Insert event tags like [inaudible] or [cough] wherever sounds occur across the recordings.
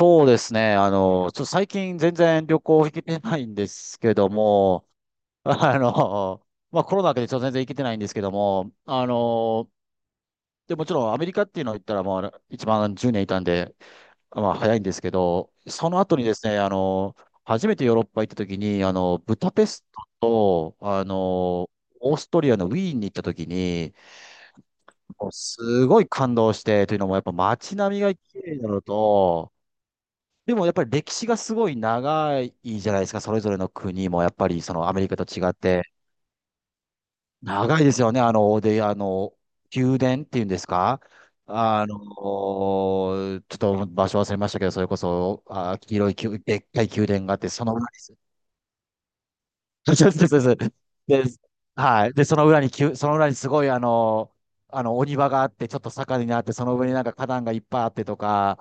そうですね。ちょっと最近全然旅行行けてないんですけども、[laughs] あの、まあコロナ明けでちょっと全然行けてないんですけども、でもちろんアメリカっていうのを言ったら、まあ一番10年いたんで、まあ早いんですけど、その後にですね、初めてヨーロッパ行った時に、ブダペストと、オーストリアのウィーンに行った時に、もうすごい感動して、というのもやっぱ街並みが綺麗なのと、でもやっぱり歴史がすごい長いじゃないですか、それぞれの国も、やっぱりそのアメリカと違って。長いですよね、あの、で、あの、宮殿っていうんですか、ちょっと場所忘れましたけど、それこそ、黄色い宮、でっかい宮殿があって、その裏にす、[laughs] そうです、そうです。ではい。で、その裏に宮、その裏にすごい、お庭があって、ちょっと坂になって、その上になんか花壇がいっぱいあってとか、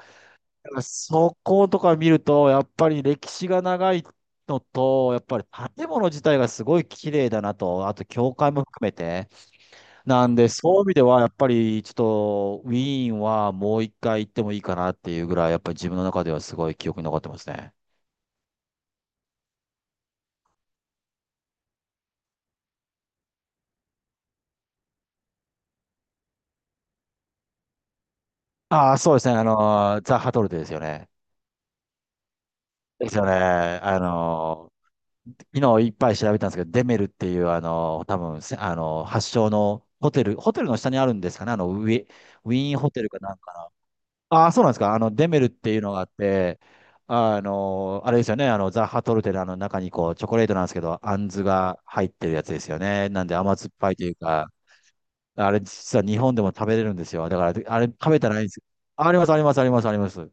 だからそことか見ると、やっぱり歴史が長いのと、やっぱり建物自体がすごい綺麗だなと、あと教会も含めて。なんで、そういう意味では、やっぱりちょっとウィーンはもう一回行ってもいいかなっていうぐらい、やっぱり自分の中ではすごい記憶に残ってますね。ああ、そうですね。ザ・ハトルテですよね。ですよね。昨日いっぱい調べたんですけど、デメルっていう、多分せ発祥のホテル、ホテルの下にあるんですかね。ウィーンホテルかなんか。ああ、そうなんですか。デメルっていうのがあって、あれですよね。ザ・ハトルテのあの中にこう、チョコレートなんですけど、あんずが入ってるやつですよね。なんで甘酸っぱいというか、あれ実は日本でも食べれるんですよ。だから、あれ食べたらいいんです。あります、あります、あります、あります。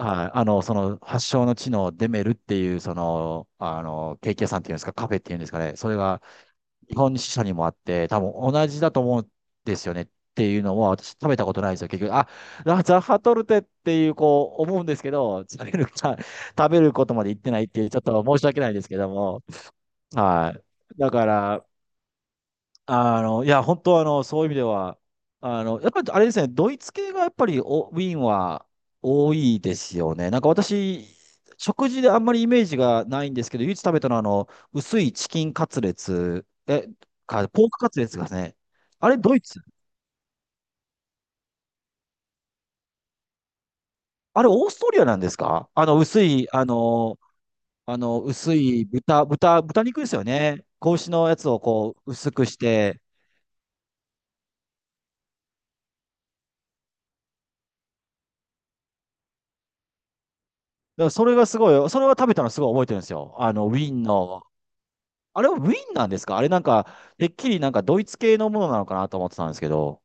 はい。その、発祥の地のデメルっていう、ケーキ屋さんっていうんですか、カフェっていうんですかね。それが、日本支社にもあって、多分同じだと思うんですよねっていうのは、私食べたことないんですよ、結局。あ、ラザハトルテっていう、こう、思うんですけど、食べることまで言ってないっていう、ちょっと申し訳ないですけども。はい。だから、いや、本当そういう意味では、やっぱりあれですね、ドイツ系がやっぱりおウィーンは多いですよね。なんか私、食事であんまりイメージがないんですけど、唯一食べたのは薄いチキンカツレツ、ポークカツレツがね、あれドイツ、あれオーストリアなんですか？あの、薄い、あの、あの、薄い豚豚肉ですよね。子牛のやつをこう、薄くして、だからそれがすごい、それは食べたのすごい覚えてるんですよ。ウィーンのあれはウィンなんですか？あれなんか、てっきりなんかドイツ系のものなのかなと思ってたんですけど。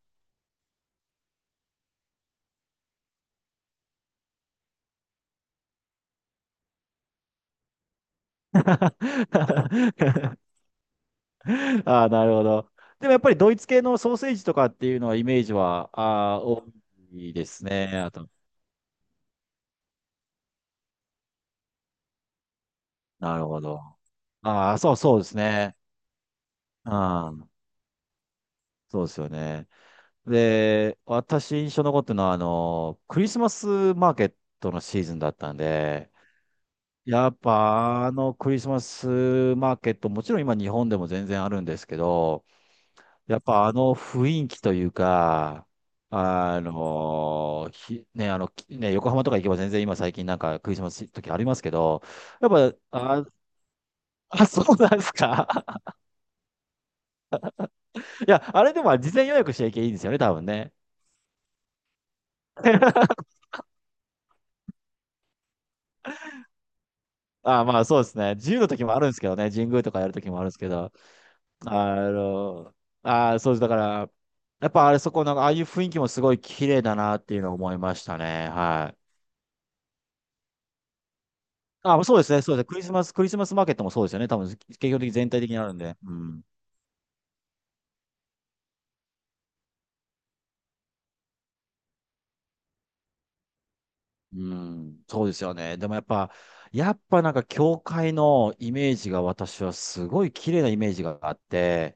[laughs] ああ、なるほど。でもやっぱりドイツ系のソーセージとかっていうのはイメージは、ああ、多いですね。あと、なるほど。ああ、そうそうですね。ああ、そうですよね。で、私印象残ってるのは、クリスマスマーケットのシーズンだったんで、やっぱあのクリスマスマーケット、もちろん今日本でも全然あるんですけど、やっぱあの雰囲気というか、あのひ、ね、あの、きね、横浜とか行けば全然今最近なんかクリスマス時ありますけど、やっぱ、あ、あ、[laughs] そうなんですか。[laughs] いや、あれでも事前予約しちゃいけばいいんですよね、多分ね。あ、まあそうですね。自由の時もあるんですけどね、神宮とかやる時もあるんですけど、あの、あ、そうです。だから、やっぱあれそこの、ああいう雰囲気もすごい綺麗だなっていうのを思いましたね。はあ、そうですね、そうですね。クリスマスマーケットもそうですよね。多分、結局的に全体的にあるんで。うん。うん。そうですよね。でもやっぱ、やっぱなんか教会のイメージが、私はすごい綺麗なイメージがあって、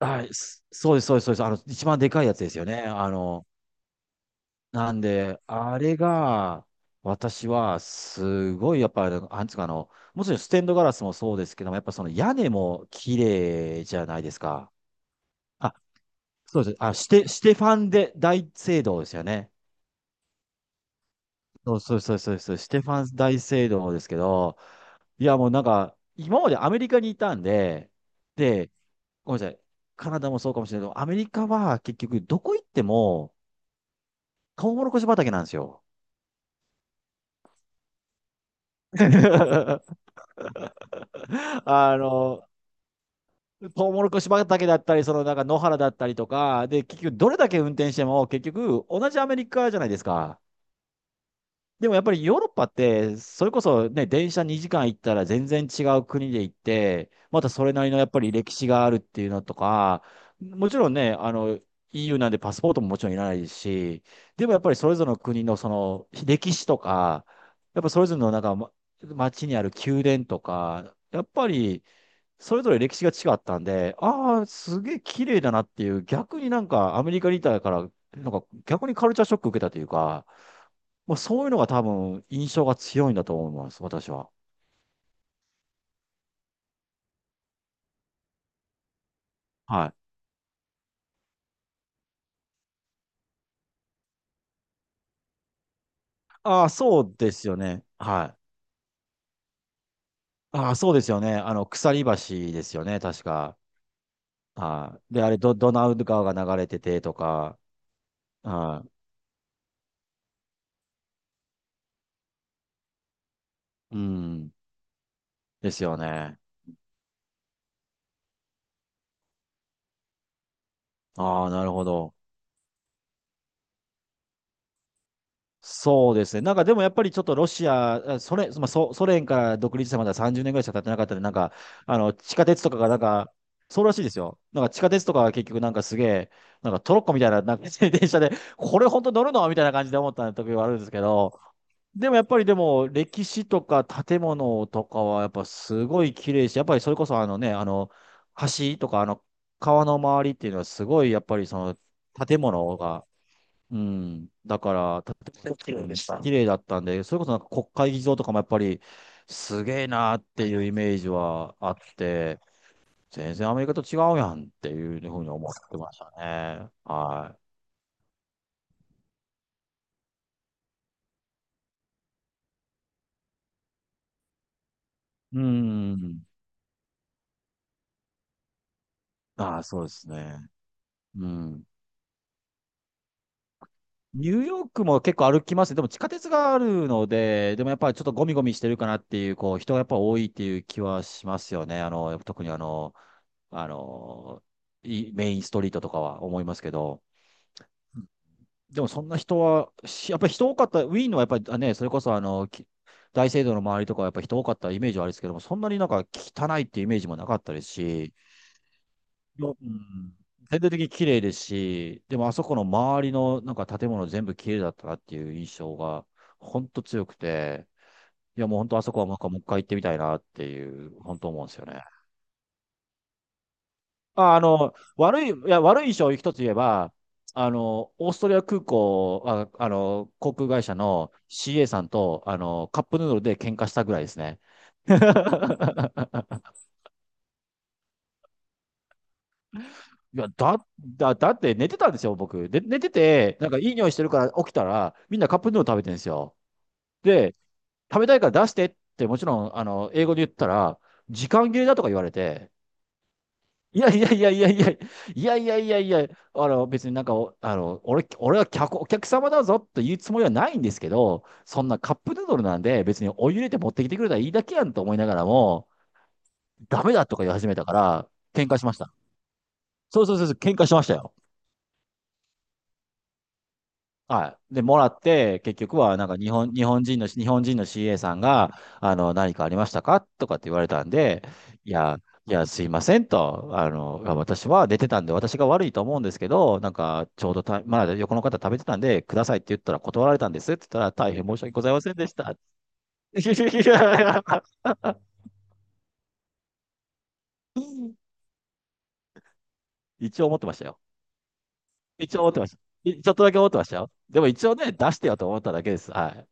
はい、すそうです、そうです。一番でかいやつですよね。なんで、あれが、私はすごい、やっぱ、なんつうかもちろんステンドガラスもそうですけども、やっぱその屋根も綺麗じゃないですか。そうです。ステファンで大聖堂ですよね。そうそうそうそうそう、ステファン大聖堂ですけど、いやもうなんか、今までアメリカにいたんで、で、ごめんなさい、カナダもそうかもしれないけど、アメリカは結局どこ行っても、トウモロコシ畑なんですよ。[laughs] あの、トウモロコシ畑だったり、そのなんか野原だったりとか、で、結局どれだけ運転しても、結局同じアメリカじゃないですか。でもやっぱりヨーロッパって、それこそね、電車2時間行ったら全然違う国で行って、またそれなりのやっぱり歴史があるっていうのとか、もちろんね、EU なんでパスポートももちろんいらないですし、でもやっぱりそれぞれの国のその歴史とか、やっぱそれぞれのなんか街にある宮殿とか、やっぱりそれぞれ歴史が違ったんで、ああ、すげえ綺麗だなっていう、逆になんかアメリカにいたから、なんか逆にカルチャーショック受けたというか、もうそういうのが多分印象が強いんだと思います、私は。はい。ああ、そうですよね。はい。ああ、そうですよね。鎖橋ですよね、確か。はい。で、あれド、ドナウ川が流れててとか、はい。うん、ですよね。ああ、なるほど。そうですね。なんかでもやっぱりちょっとロシア、あソ連、ソ連から独立してまだ30年ぐらいしか経ってなかったんで、なんか、地下鉄とかがなんか、そうらしいですよ。なんか地下鉄とかが結局なんかすげえ、なんかトロッコみたいな、なんか [laughs] 電車で、これ本当乗るのみたいな感じで思った時はあるんですけど、でもやっぱりでも歴史とか建物とかはやっぱすごい綺麗し、やっぱりそれこそあのね、橋とか川の周りっていうのはすごいやっぱりその建物が、うん。だから、た綺麗でした。綺麗だったんで、それこそ国会議場とかもやっぱり、すげえなーっていうイメージはあって、全然アメリカと違うやんっていうふうに思ってましたね。はい。うん。ああ、そうですね。うん。ニューヨークも結構歩きますね。でも地下鉄があるので、でもやっぱりちょっとゴミゴミしてるかなっていう、こう、人がやっぱ多いっていう気はしますよね。特にあの、メインストリートとかは思いますけど。でもそんな人は、しやっぱり人多かった、ウィーンのはやっぱりね、それこそ大聖堂の周りとかはやっぱり人多かったイメージはあるんですけども、そんなに汚いっていうイメージもなかったですし、ようん、全体的に綺麗ですし、でもあそこの周りの建物全部綺麗だったなっていう印象が、ほんと強くて、いやもう本当あそこはもう一回行ってみたいなっていう、本当思うんですよね。悪い印象を一つ言えば、オーストリア空港、航空会社の CA さんと、カップヌードルで喧嘩したぐらいですね。[laughs] いや、だって寝てたんですよ、僕。で、寝てて、なんかいい匂いしてるから起きたら、みんなカップヌードル食べてるんですよ。で、食べたいから出してって、もちろん、英語で言ったら、時間切れだとか言われて、いやいやいやいやいや、いやいやいやいや、別になんかお、あの、俺、俺はお客様だぞと言うつもりはないんですけど、そんなカップヌードルなんで別にお湯入れて持ってきてくれたらいいだけやんと思いながらも、ダメだとか言い始めたから、喧嘩しました。そうそうそうそう、喧嘩しましたよ。はい。で、もらって、結局は、日本人の CA さんが、何かありましたかとかって言われたんで、いや、いや、すいませんと、私は出てたんで、私が悪いと思うんですけど、なんか、ちょうどた、まだ横の方食べてたんで、くださいって言ったら断られたんですって言ったら、大変申し訳ございませんでした。[laughs] いや一応思ってましたよ。一応思ってました。ちょっとだけ思ってましたよ。でも一応ね、出してよと思っただけです。はい。